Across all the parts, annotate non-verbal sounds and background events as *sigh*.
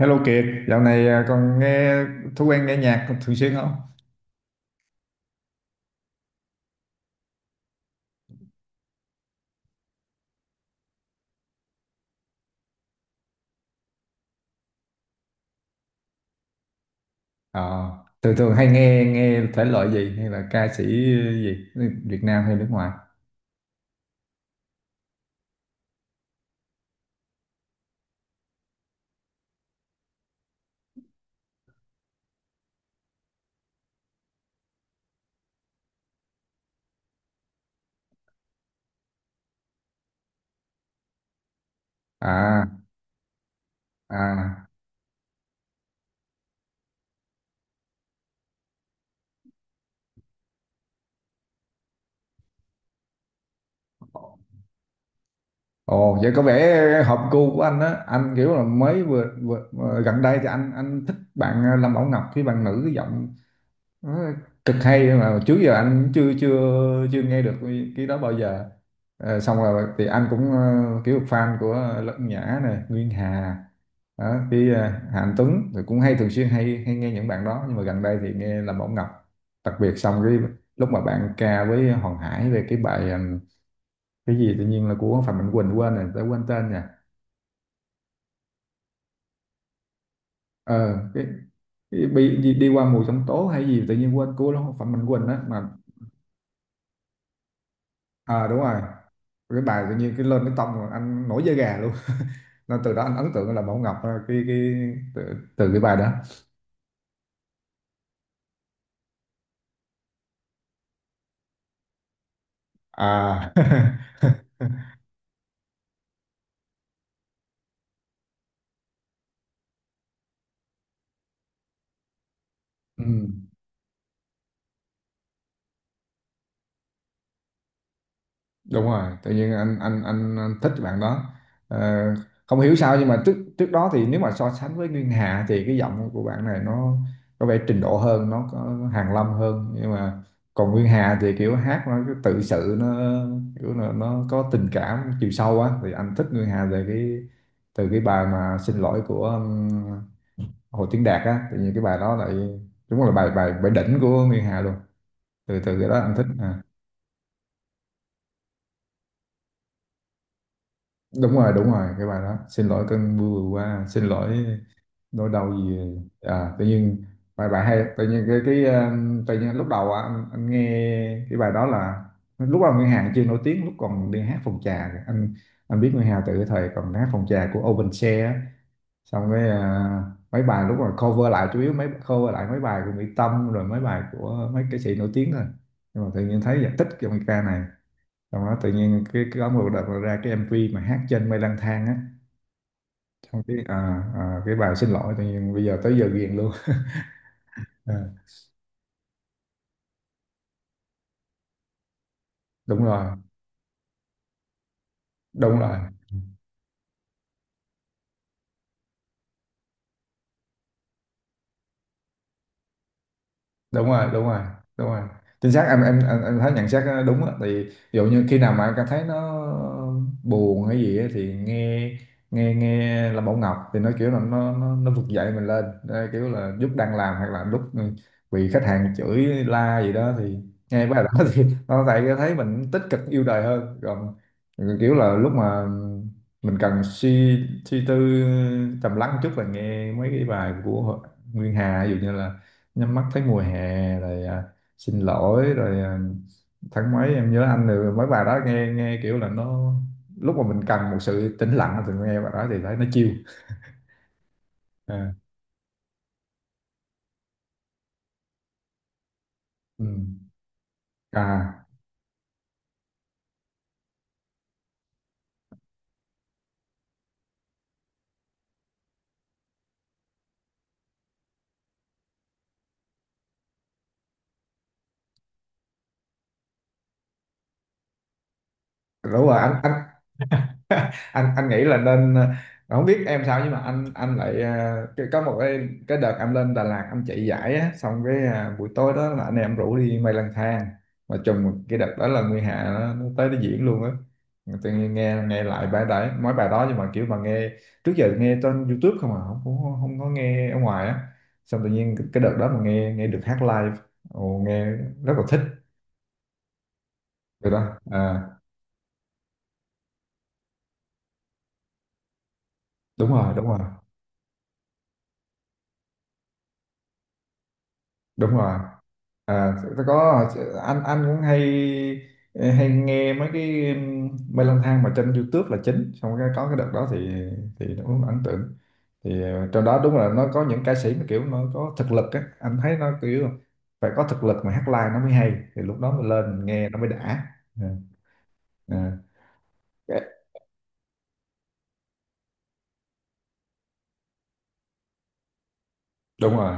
Hello Kiệt, dạo này còn nghe thói quen nghe nhạc thường xuyên không? Ờ, thường thường hay nghe nghe thể loại gì hay là ca sĩ gì Việt Nam hay nước ngoài? À. À. Ồ, vậy có vẻ hợp gu của anh á. Anh kiểu là mới vừa gần đây thì anh thích bạn Lâm Bảo Ngọc, cái bạn nữ cái giọng đó cực hay mà trước giờ anh chưa chưa chưa nghe được cái đó bao giờ. Xong rồi thì anh cũng kiểu fan của Lân Nhã này, Nguyên Hà đó, cái Hà Anh Tuấn thì cũng hay, thường xuyên hay hay nghe những bạn đó, nhưng mà gần đây thì nghe Lâm Mẫu Ngọc đặc biệt. Xong cái lúc mà bạn ca với Hoàng Hải về cái bài cái gì tự nhiên là của Phạm Mạnh Quỳnh, quên rồi, tớ quên tên nha, ờ cái, cái bị đi qua mùa giông tố hay gì tự nhiên quên, của Phạm Mạnh Quỳnh á mà. À, đúng rồi, cái bài tự nhiên cái lên cái tông rồi anh nổi da gà luôn, nên từ đó anh ấn tượng là Bảo Ngọc, cái từ cái bài đó. à *laughs* ừ. Đúng rồi, tự nhiên anh thích bạn đó. Ờ, không hiểu sao, nhưng mà trước trước đó thì nếu mà so sánh với Nguyên Hà thì cái giọng của bạn này nó có vẻ trình độ hơn, nó có hàn lâm hơn, nhưng mà còn Nguyên Hà thì kiểu hát nó cứ tự sự, nó kiểu là nó có tình cảm chiều sâu á, thì anh thích Nguyên Hà về cái, từ cái bài mà xin lỗi của Hồ Tiến Đạt á. Tự nhiên cái bài đó lại đúng là bài bài bài đỉnh của Nguyên Hà luôn, từ từ cái đó anh thích à. Đúng rồi, đúng rồi, cái bài đó xin lỗi cơn mưa vừa qua, xin lỗi nỗi đau gì tự nhiên, bài bài hay. Tự nhiên cái tự nhiên lúc đầu á, anh nghe cái bài đó là lúc đầu Nguyên Hà chưa nổi tiếng, lúc còn đi hát phòng trà kìa. Anh biết Nguyên Hà từ cái thời còn hát phòng trà của Open Share á. Xong cái mấy bài lúc mà cover lại, chủ yếu mấy cover lại mấy bài của Mỹ Tâm rồi mấy bài của mấy ca sĩ nổi tiếng thôi, nhưng mà tự nhiên thấy là thích cái bài ca này. Xong đó tự nhiên cái có một đợt là ra cái MV mà hát trên mây lang thang á, xong cái cái bài xin lỗi tự nhiên bây giờ tới giờ ghiền luôn. *laughs* à, đúng rồi, đúng rồi, đúng rồi, đúng rồi, đúng rồi. Chính xác, em thấy nhận xét nó đúng á. Thì ví dụ như khi nào mà em cảm thấy nó buồn hay gì á, thì nghe nghe nghe là Bảo Ngọc thì nó kiểu là nó vực dậy mình lên đây, kiểu là lúc đang làm hoặc là lúc bị khách hàng chửi la gì đó thì nghe bài đó *laughs* thì nó lại thấy mình tích cực yêu đời hơn, còn kiểu là lúc mà mình cần suy suy tư trầm lắng một chút là nghe mấy cái bài của Nguyên Hà, ví dụ như là nhắm mắt thấy mùa hè rồi à, xin lỗi rồi à, tháng mấy em nhớ anh, rồi mấy bài đó nghe, nghe kiểu là nó lúc mà mình cần một sự tĩnh lặng thì nghe bài đó thì thấy nó chill à. Ừ. à Đúng rồi, anh nghĩ là nên, không biết em sao, nhưng mà anh lại có một cái đợt em lên Đà Lạt em chạy giải á, xong cái buổi tối đó là anh em rủ đi mây lang thang, mà trùng cái đợt đó là Nguyên Hà nó tới nó diễn luôn á. Tự nhiên nghe nghe lại bài đấy, mấy bài đó, nhưng mà kiểu mà nghe, trước giờ nghe trên YouTube không à, không không, không có nghe ở ngoài á, xong tự nhiên cái đợt đó mà nghe, được hát live. Ồ, nghe rất là thích rồi đó đúng rồi, đúng rồi, đúng rồi. À, tôi có anh cũng hay hay nghe mấy cái mê lang thang mà trên YouTube là chính. Xong cái có cái đợt đó thì nó cũng ấn tượng, thì trong đó đúng là nó có những ca sĩ mà kiểu nó có thực lực á, anh thấy nó kiểu phải có thực lực mà hát live nó mới hay, thì lúc đó mình lên mình nghe nó mới đã. Ừ. Ừ. Đúng rồi,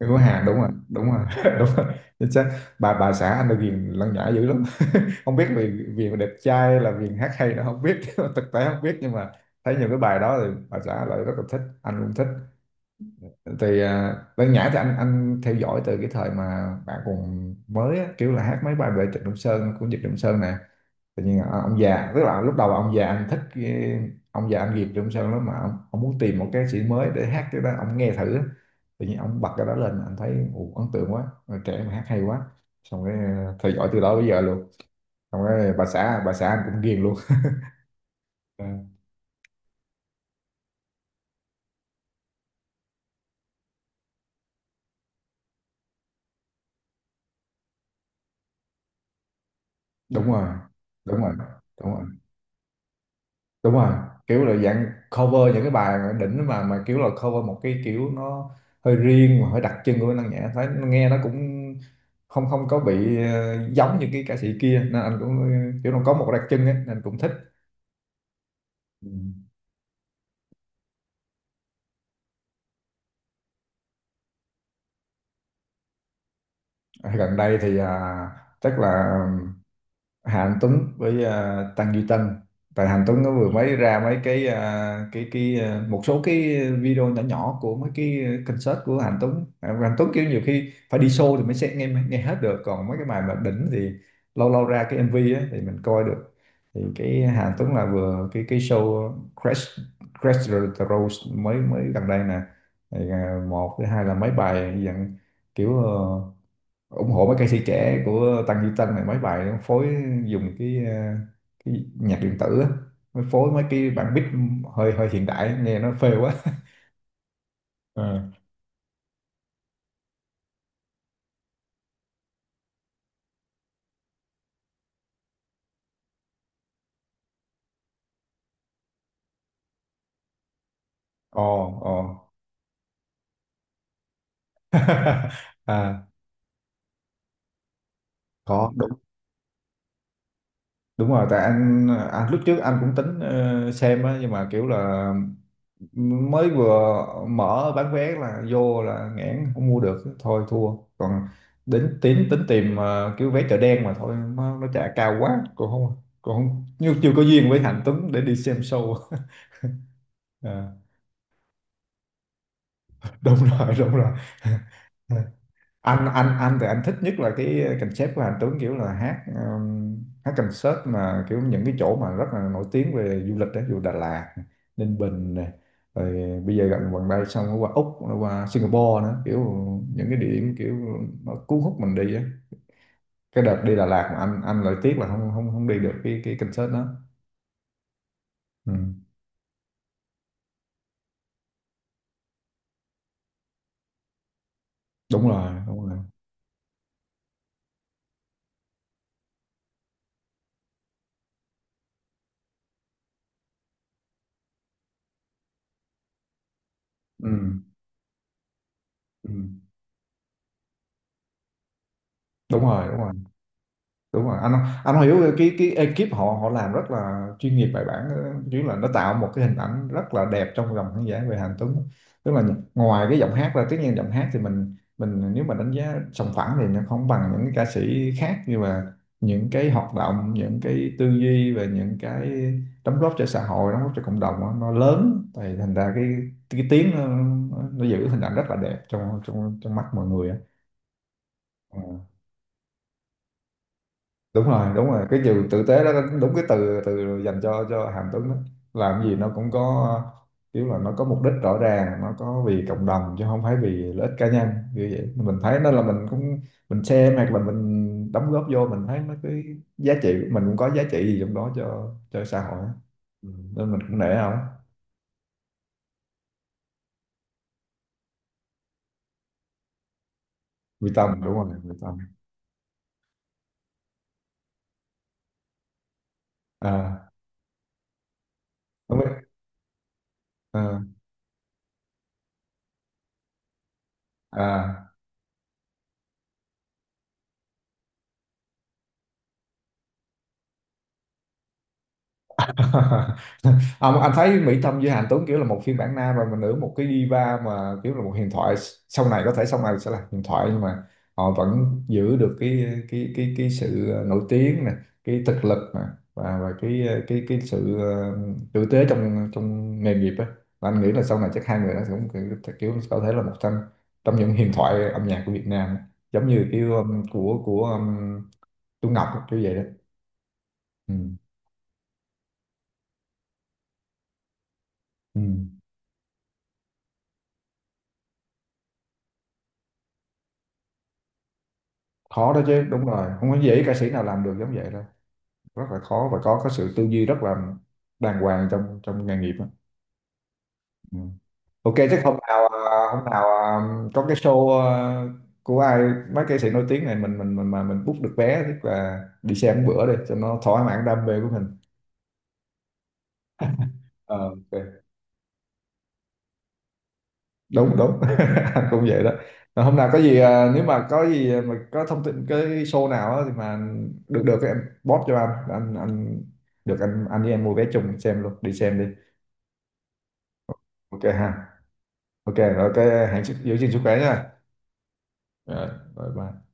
người của Hàn, đúng rồi, đúng rồi. *laughs* Đúng rồi, chính xác, bà xã anh là ghiền Lăng Nhã dữ lắm *laughs* không biết vì vì mà đẹp trai hay là vì hát hay nó không biết *laughs* thực tế không biết, nhưng mà thấy nhiều cái bài đó thì bà xã lại rất là thích, anh cũng thích. Thì Lăng Nhã thì anh theo dõi từ cái thời mà bạn còn mới á, kiểu là hát mấy bài về Trịnh Công Sơn của Nhật Công Sơn nè. Tự nhiên ông già, tức là lúc đầu ông già anh thích ông già anh Việt Trong Sơn lắm, mà ông muốn tìm một ca sĩ mới để hát cái đó, ông nghe thử á. Tự nhiên ông bật cái đó lên, anh thấy ồ, ấn tượng quá, người trẻ mà hát hay quá. Xong cái theo dõi từ đó bây giờ luôn, xong cái bà xã anh cũng ghiền luôn. Ờ, đúng rồi, đúng rồi, đúng rồi, đúng rồi, kiểu là dạng cover những cái bài đỉnh, mà kiểu là cover một cái kiểu nó hơi riêng mà hơi đặc trưng của Minh Năng Nhã, thấy nghe nó cũng không không có bị giống như cái ca sĩ kia, nên anh cũng kiểu nó có một đặc trưng ấy, nên cũng thích. Ừ. Gần đây thì chắc là Hà Anh Tuấn với Tăng Duy Tân. Tại Hà Anh Tuấn nó vừa mới ra mấy cái một số cái video nhỏ nhỏ của mấy cái concert của Hà Anh Tuấn. À, Hà Anh Tuấn kiểu nhiều khi phải đi show thì mới sẽ nghe, nghe hết được, còn mấy cái bài mà đỉnh thì lâu lâu ra cái MV á thì mình coi được. Thì cái Hà Anh Tuấn là vừa cái show Crash Crash the Rose mới, mới gần đây nè. Thì một thứ hai là mấy bài dạng kiểu ủng hộ mấy ca sĩ trẻ của Tăng Duy Tân này, mấy bài nó phối dùng cái nhạc điện tử á, mới phối mấy cái bản beat hơi, hơi hiện đại nghe nó phê quá. *laughs* ờ Ồ, ồ. *laughs* à, có đúng, đúng rồi, tại anh lúc trước anh cũng tính xem á, nhưng mà kiểu là mới vừa mở bán vé là vô là nghẽn không mua được, thôi thua. Còn đến tính, tìm kiểu vé chợ đen, mà thôi nó trả cao quá, còn không, nhưng chưa có duyên với Hạnh Tuấn để đi xem show. *laughs* à, đúng rồi, đúng rồi. *laughs* Anh thì anh thích nhất là cái concept của Hạnh Tuấn, kiểu là hát hát concert mà kiểu những cái chỗ mà rất là nổi tiếng về du lịch đấy, dù Đà Lạt, Ninh Bình này, rồi bây giờ gần gần đây, xong nó qua Úc, nó qua Singapore nữa, kiểu những cái địa điểm kiểu nó cuốn hút mình đi á. Cái đợt đi Đà Lạt mà anh lại tiếc là không không không đi được cái concert đó. Ừ. Đúng rồi, đúng rồi. Ừ. Ừ. Đúng rồi, đúng rồi, đúng rồi. Anh hiểu cái ekip họ họ làm rất là chuyên nghiệp bài bản, chứ là nó tạo một cái hình ảnh rất là đẹp trong lòng khán giả về Hàn Tuấn. Tức là ngoài cái giọng hát ra, tất nhiên giọng hát thì mình, nếu mà đánh giá sòng phẳng thì nó không bằng những cái ca sĩ khác, nhưng mà những cái hoạt động, những cái tư duy và những cái đóng góp cho xã hội, đóng góp cho cộng đồng đó, nó lớn, thì thành ra cái tiếng nó giữ hình ảnh rất là đẹp trong trong trong mắt mọi người á. Ờ. Đúng rồi, đúng rồi, cái từ tử tế đó, đúng cái từ từ dành cho Hàm Tuấn đó. Làm gì nó cũng có kiểu là nó có mục đích rõ ràng, nó có vì cộng đồng chứ không phải vì lợi ích cá nhân. Như vậy mình thấy nên là mình cũng mình xem, hoặc là mình đóng góp vô mình thấy nó cái giá trị của mình cũng có giá trị gì trong đó cho xã hội á. Ừ. Nên mình cũng nể không. Quy Tâm, đúng rồi, Quy Tâm. À, không biết à. À. *laughs* Mà anh thấy Mỹ Tâm với Hàn Tuấn kiểu là một phiên bản nam rồi mà nữ, một cái diva mà kiểu là một huyền thoại, sau này có thể sau này sẽ là huyền thoại, nhưng mà họ vẫn giữ được cái sự nổi tiếng nè, cái thực lực nè, và cái sự tử tế trong, nghề nghiệp á. Và anh nghĩ là sau này chắc hai người nó cũng kiểu có thể là một trong, những huyền thoại âm nhạc của Việt Nam, giống như kiểu của Tú Ngọc á, kiểu vậy đó. Ừ. Ừ. Khó đó chứ, đúng rồi, không có dễ ca sĩ nào làm được giống vậy đâu, rất là khó, và có sự tư duy rất là đàng hoàng trong, nghề nghiệp á. Ừ. Ok, chắc hôm nào có cái show của ai mấy ca sĩ nổi tiếng này, mình book được vé, tức là đi xem một bữa đi cho nó thỏa mãn đam mê của mình. Ờ, ok, đúng đúng. *laughs* Anh cũng vậy đó. Rồi hôm nào có gì nếu mà có gì mà có thông tin cái show nào á thì mà được được em post cho anh, được anh, với em mua vé chung xem luôn, đi xem đi. Ok ha, ok rồi, cái hẹn giữ gìn sức khỏe nha, rồi bye bye.